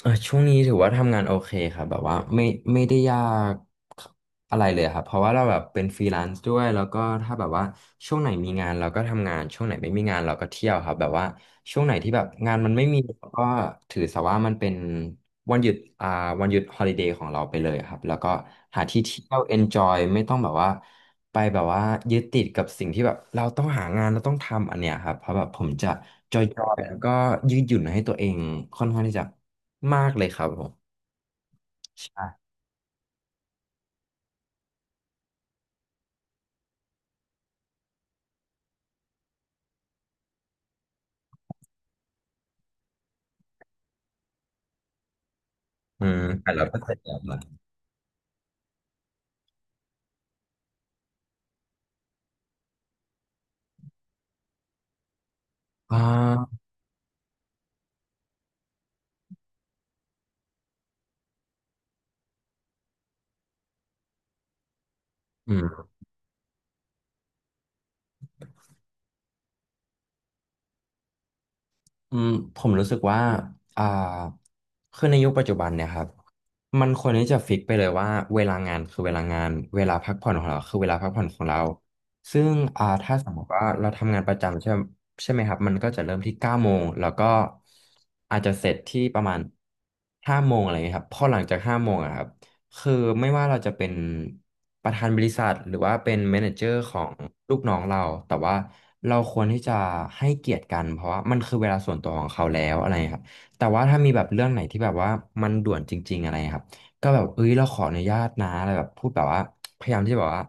เออช่วงนี้ถือว่าทำงานโอเคครับแบบว่าไม่ได้ยากอะไรเลยครับเพราะว่าเราแบบเป็นฟรีแลนซ์ด้วยแล้วก็ถ้าแบบว่าช่วงไหนมีงานเราก็ทำงานช่วงไหนไม่มีงานเราก็เที่ยวครับแบบว่าช่วงไหนที่แบบงานมันไม่มีเราก็ถือซะว่ามันเป็น วันหยุดอ่าวันหยุดฮอลิเดย์ของเราไปเลยครับ แล้วก็หาที่เที่ยวเอนจอยไม่ต้องแบบว่าไปแบบว่ายึดติดกับสิ่งที่แบบเราต้องหางานเราต้องทำอันเนี้ยครับ เพราะแบบผมจะจอยๆแล้วก็ยืดหยุ่นให้ตัวเองค่อนข้างที่จะมากเลยครับผมใช่อืมแต่เราก็เสร็จแล้วเหรออ่า อืมผมรู้สึกว่าอ่าคือในยุคปัจจุบันเนี่ยครับมันควรที่จะฟิกไปเลยว่าเวลางานคือเวลางานเวลาพักผ่อนของเราคือเวลาพักผ่อนของเราซึ่งถ้าสมมติว่าเราทำงานประจำใช่ไหมครับมันก็จะเริ่มที่9 โมงแล้วก็อาจจะเสร็จที่ประมาณห้าโมงอะไรเงี้ยครับพอหลังจากห้าโมงอะครับ คือไม่ว่าเราจะเป็นประธานบริษัทหรือว่าเป็นแมเนเจอร์ของลูกน้องเราแต่ว่าเราควรที่จะให้เกียรติกันเพราะว่ามันคือเวลาส่วนตัวของเขาแล้วอะไรครับแต่ว่าถ้ามีแบบเรื่องไหนที่แบบว่ามันด่วนจริงๆอะไรครับก็แบบเอ้ยเราขออนุญาตนะอะไรแบบพูดแบบว่าพยายามที่จะแบบว่า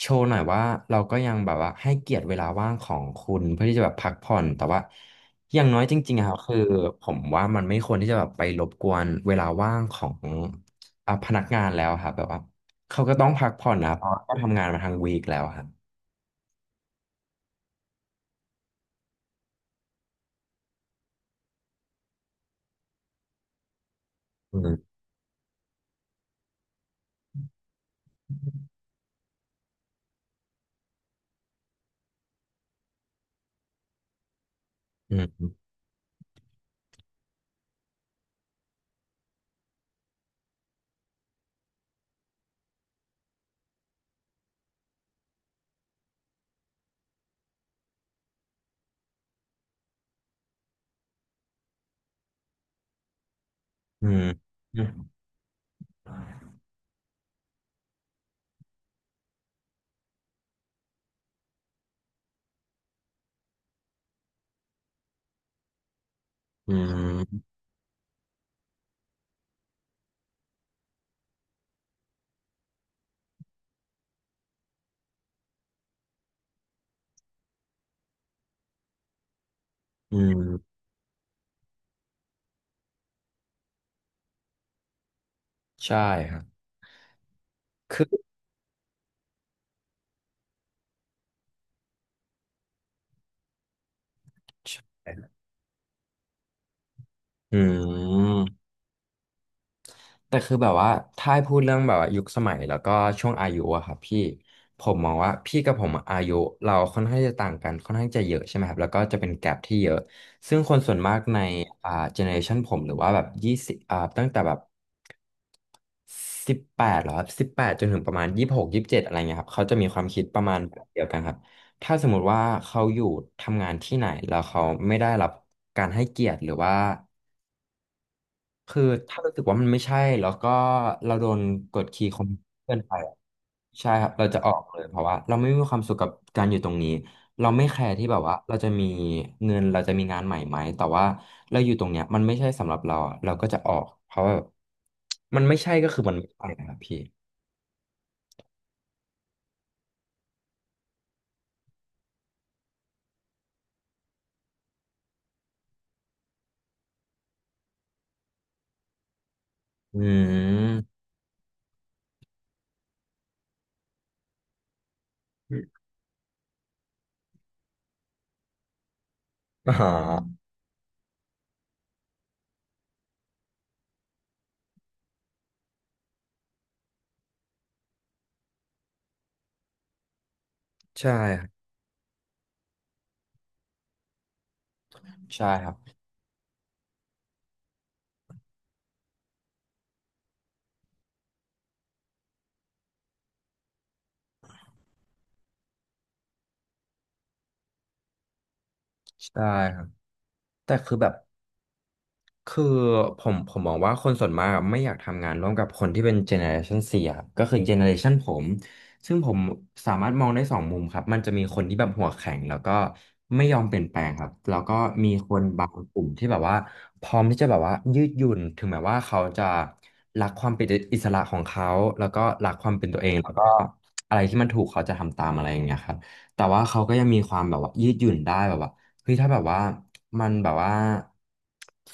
โชว์หน่อยว่าเราก็ยังแบบว่าให้เกียรติเวลาว่างของคุณเพื่อที่จะแบบพักผ่อนแต่ว่าอย่างน้อยจริงๆอะครับคือผมว่ามันไม่ควรที่จะแบบไปรบกวนเวลาว่างของ พนักงานแล้วครับแบบว่าเขาก็ต้องพักผ่อนนะเพราะว่าก็ทำงานมาทั้งวีคแล้วครับอืมอืมอืมอืมอืมอืมใช่ครับคืออืม แต่คือแบบว่าถ้าให้พูดเรื่องแบบว่ายุคสมัยแล้วก็ช่วงอายุอะครับพี่ผมมองว่าพี่กับผมอะอายุเราค่อนข้างจะต่างกันค่อนข้างจะเยอะใช่ไหมครับแล้วก็จะเป็นแกปที่เยอะซึ่งคนส่วนมากในเจเนอเรชันผมหรือว่าแบบยี่สิบตั้งแต่แบบสิบแปดหรอครับสิบแปดจนถึงประมาณ2627อะไรเงี้ยครับเขาจะมีความคิดประมาณแบบเดียวกันครับถ้าสมมุติว่าเขาอยู่ทำงานที่ไหนแล้วเขาไม่ได้รับการให้เกียรติหรือว่า คือถ้ารู้สึกว่ามันไม่ใช่แล้วก็เราโดนกดขี่ข่มเกินไปอะใช่ครับเราจะออกเลยเพราะว่าเราไม่มีความสุขกับการอยู่ตรงนี้เราไม่แคร์ที่แบบว่าเราจะมีเงินเราจะมีงานใหม่ไหมแต่ว่าเราอยู่ตรงเนี้ยมันไม่ใช่สำหรับเราอะเราก็จะออกเพราะว่ามันไม่ใช่ก็คือมันไม่ใช่นะครับพี่อืม อ๋อใช่ครับใช่ครับใช่ครับแต่คือแบบ คือผมมองว่าคนส่วนมากอะไม่อยากทำงานร่วมกับคนที่เป็นเจเนอเรชัน4ครับก็คือเจเนอเรชันผมซึ่งผมสามารถมองได้สองมุมครับมันจะมีคนที่แบบหัวแข็งแล้วก็ไม่ยอมเปลี่ยนแปลงครับแล้วก็มีคนบางกลุ่มที่แบบว่าพร้อมที่จะแบบว่ายืดหยุ่นถึงแม้ว่าเขาจะรักความเป็นอิสระของเขาแล้วก็รักความเป็นตัวเองแล้วก็อะไรที่มันถูกเขาจะทำตามอะไรอย่างเงี้ยครับแต่ว่าเขาก็ยังมีความแบบว่ายืดหยุ่นได้แบบว่า เฮ้ยถ้าแบบว่ามันแบบว่า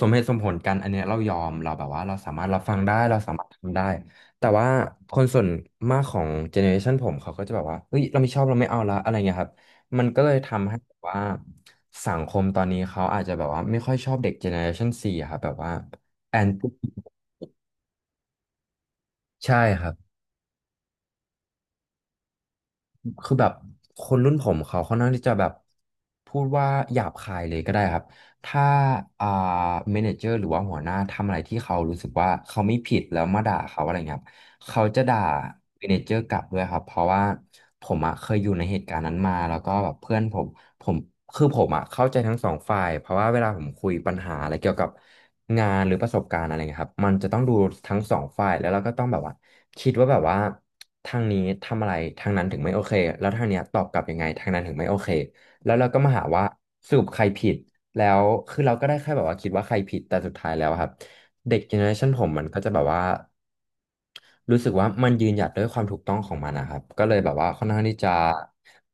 สมเหตุสมผลกันอันเนี้ยเรายอมเราแบบว่าเราสามารถรับฟังได้เราสามารถทำได้แต่ว่าคนส่วนมากของเจเนอเรชันผมเขาก็จะแบบว่าเฮ้ยเราไม่ชอบเราไม่เอาละอะไรเงี้ยครับมันก็เลยทำให้แบบว่าสังคมตอนนี้เขาอาจจะแบบว่าไม่ค่อยชอบเด็กเจเนอเรชันซีอะครับแบบว่าแอนตี้ใช่ครับ คือแบบคนรุ่นผมเขาค่อนข้างที่จะแบบพูดว่าหยาบคายเลยก็ได้ครับถ้าอ่าเมเนเจอร์หรือว่าหัวหน้าทำอะไรที่เขารู้สึกว่าเขาไม่ผิดแล้วมาด่าเขาอะไรเงี้ย เขาจะด่าเมเนเจอร์กลับด้วยครับเพราะว่าผมอะเคยอยู่ในเหตุการณ์นั้นมาแล้วก็แบบเพื่อนผมผมคือผมอะเข้าใจทั้งสองฝ่ายเพราะว่าเวลาผมคุยปัญหาอะไรเกี่ยวกับงานหรือประสบการณ์อะไรเงี้ยครับมันจะต้องดูทั้งสองฝ่ายแล้วเราก็ต้องแบบว่าคิดว่าแบบว่าทางนี้ทำอะไรทางนั้นถึงไม่โอเคแล้วทางเนี้ยตอบกลับยังไงทางนั้นถึงไม่โอเคแล้วเราก็มาหาว่าสรุปใครผิดแล้วคือเราก็ได้แค่แบบว่าคิดว่าใครผิดแต่สุดท้ายแล้วอะครับเด็กเจเนอเรชันผมมันก็จะแบบว่า รู้สึกว่ามันยืนหยัดด้วยความถูกต้องของมันนะครับก็เลยแบบว่าค่อนข้างที่จะ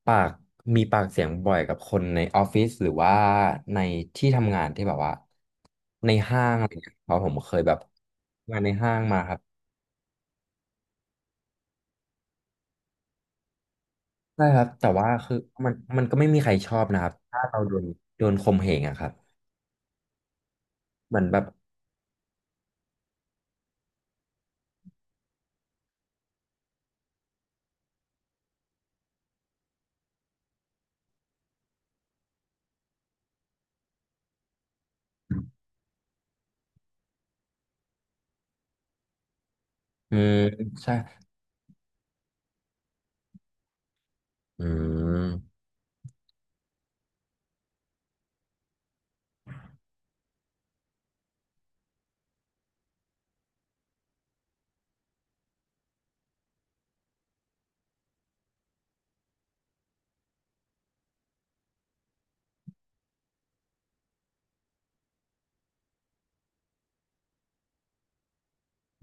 ปากมีปากเสียงบ่อยกับคนในออฟฟิศหรือว่าในที่ทำงานที่แบบว่าในห้างอะไรอย่างเงี้ยเพราะผมเคยแบบทำงานในห้างมาครับใช่ครับแต่ว่าคือมันก็ไม่มีใครชอบนะครับถ้าเราโดนข่มเหงอะครับเหมือนแบบอืมใช่อืม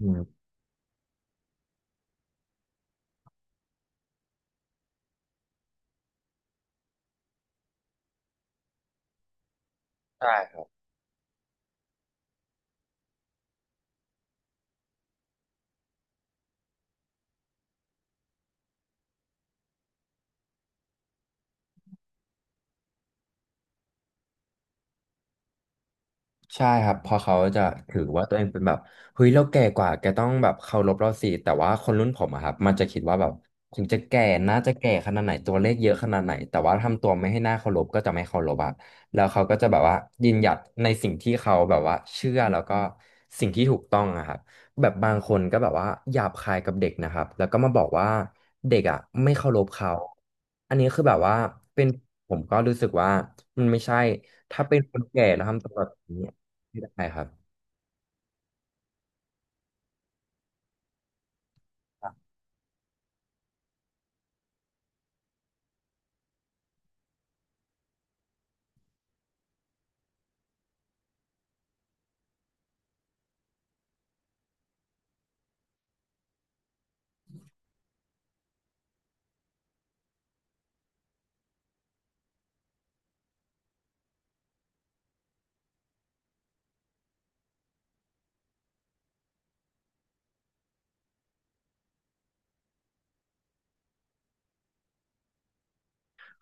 อืมใช่ ใช่ครับเพอเขาจะถือว่าตัวเองเป็นแบบเฮ้ยเราแก่กว่าแกต้องแบบเคารพเราสิแต่ว่าคนรุ่นผมอะครับมันจะคิดว่าแบบถึงจะแก่น่าจะแก่ขนาดไหนตัวเลขเยอะขนาดไหนแต่ว่าทำตัวไม่ให้น่าเคารพก็จะไม่เคารพอะแล้วเขาก็จะแบบว่ายืนหยัดในสิ่งที่เขาแบบว่าเชื่อแล้วก็สิ่งที่ถูกต้องอะครับแบบบางคนก็แบบว่าหยาบคายกับเด็กนะครับแล้วก็มาบอกว่าเด็กอ่ะไม่เคารพเขาอันนี้คือแบบว่าเป็นผมก็รู้สึกว่ามันไม่ใช่ถ้าเป็นคนแก่แล้วทำตัวแบบนี้ ไม่ได้ครับ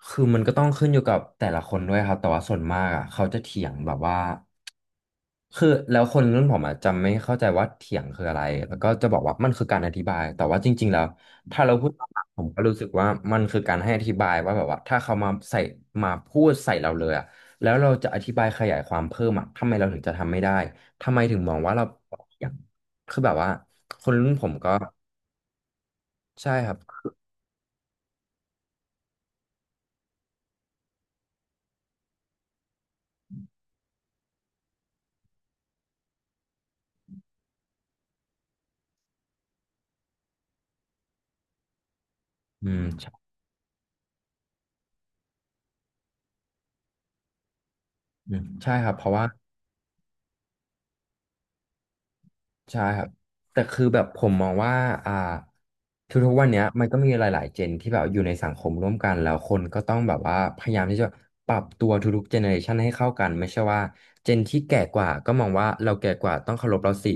คือมันก็ต้องขึ้นอยู่กับแต่ละคนด้วยครับ แต่ว่าส่วนมากอ่ะเขาจะเถียงแบบว่าคือแล้วคนรุ่นผมอ่ะจะไม่เข้าใจว่าเถียงคืออะไรแล้วก็จะบอกว่ามันคือการอธิบายแต่ว่าจริงๆแล้วถ้าเราพูดตามหลักผมก็รู้สึกว่ามันคือการให้อธิบายว่าแบบว่าถ้าเขามาใส่มาพูดใส่เราเลยอ่ะแล้วเราจะอธิบายขยายความเพิ่มอ่ะทำไมเราถึงจะทำไม่ได้ทำไมถึงมองว่าเราเถียงคือแบบว่าคนรุ่นผมก็ใช่ครับอืมใช่อืมใช่ครับเพราะว่า ใช่ครับแต่คือแบบผมมองว่าอ่าทุกๆวันเนี้ยมันก็มีหลายๆเจนที่แบบอยู่ในสังคมร่วมกันแล้วคนก็ต้องแบบว่าพยายามที่จะปรับตัวทุกๆเจเนอเรชันให้เข้ากันไม่ใช่ว่าเจนที่แก่กว่าก็มองว่าเราแก่กว่าต้องเคารพเราสิ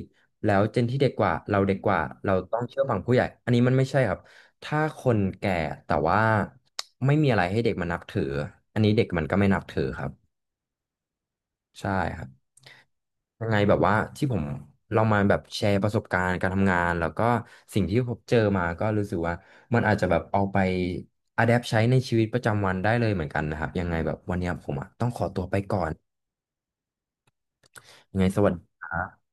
แล้วเจนที่เด็กกว่าเราเด็กกว่าเราต้องเชื่อฟังผู้ใหญ่อันนี้มันไม่ใช่ครับถ้าคนแก่แต่ว่าไม่มีอะไรให้เด็กมันนับถืออันนี้เด็กมันก็ไม่นับถือครับ ใช่ครับยังไงแบบว่าที่ผมลองมาแบบแชร์ประสบการณ์การทำงานแล้วก็สิ่งที่ผมเจอมาก็รู้สึกว่ามันอาจจะแบบเอาไปอะแดปใช้ในชีวิตประจำวันได้เลยเหมือนกันนะครับยังไงแบบวันเนี้ยผมอะต้องขอตัวไปก่อนยังไงสวัสดีครับ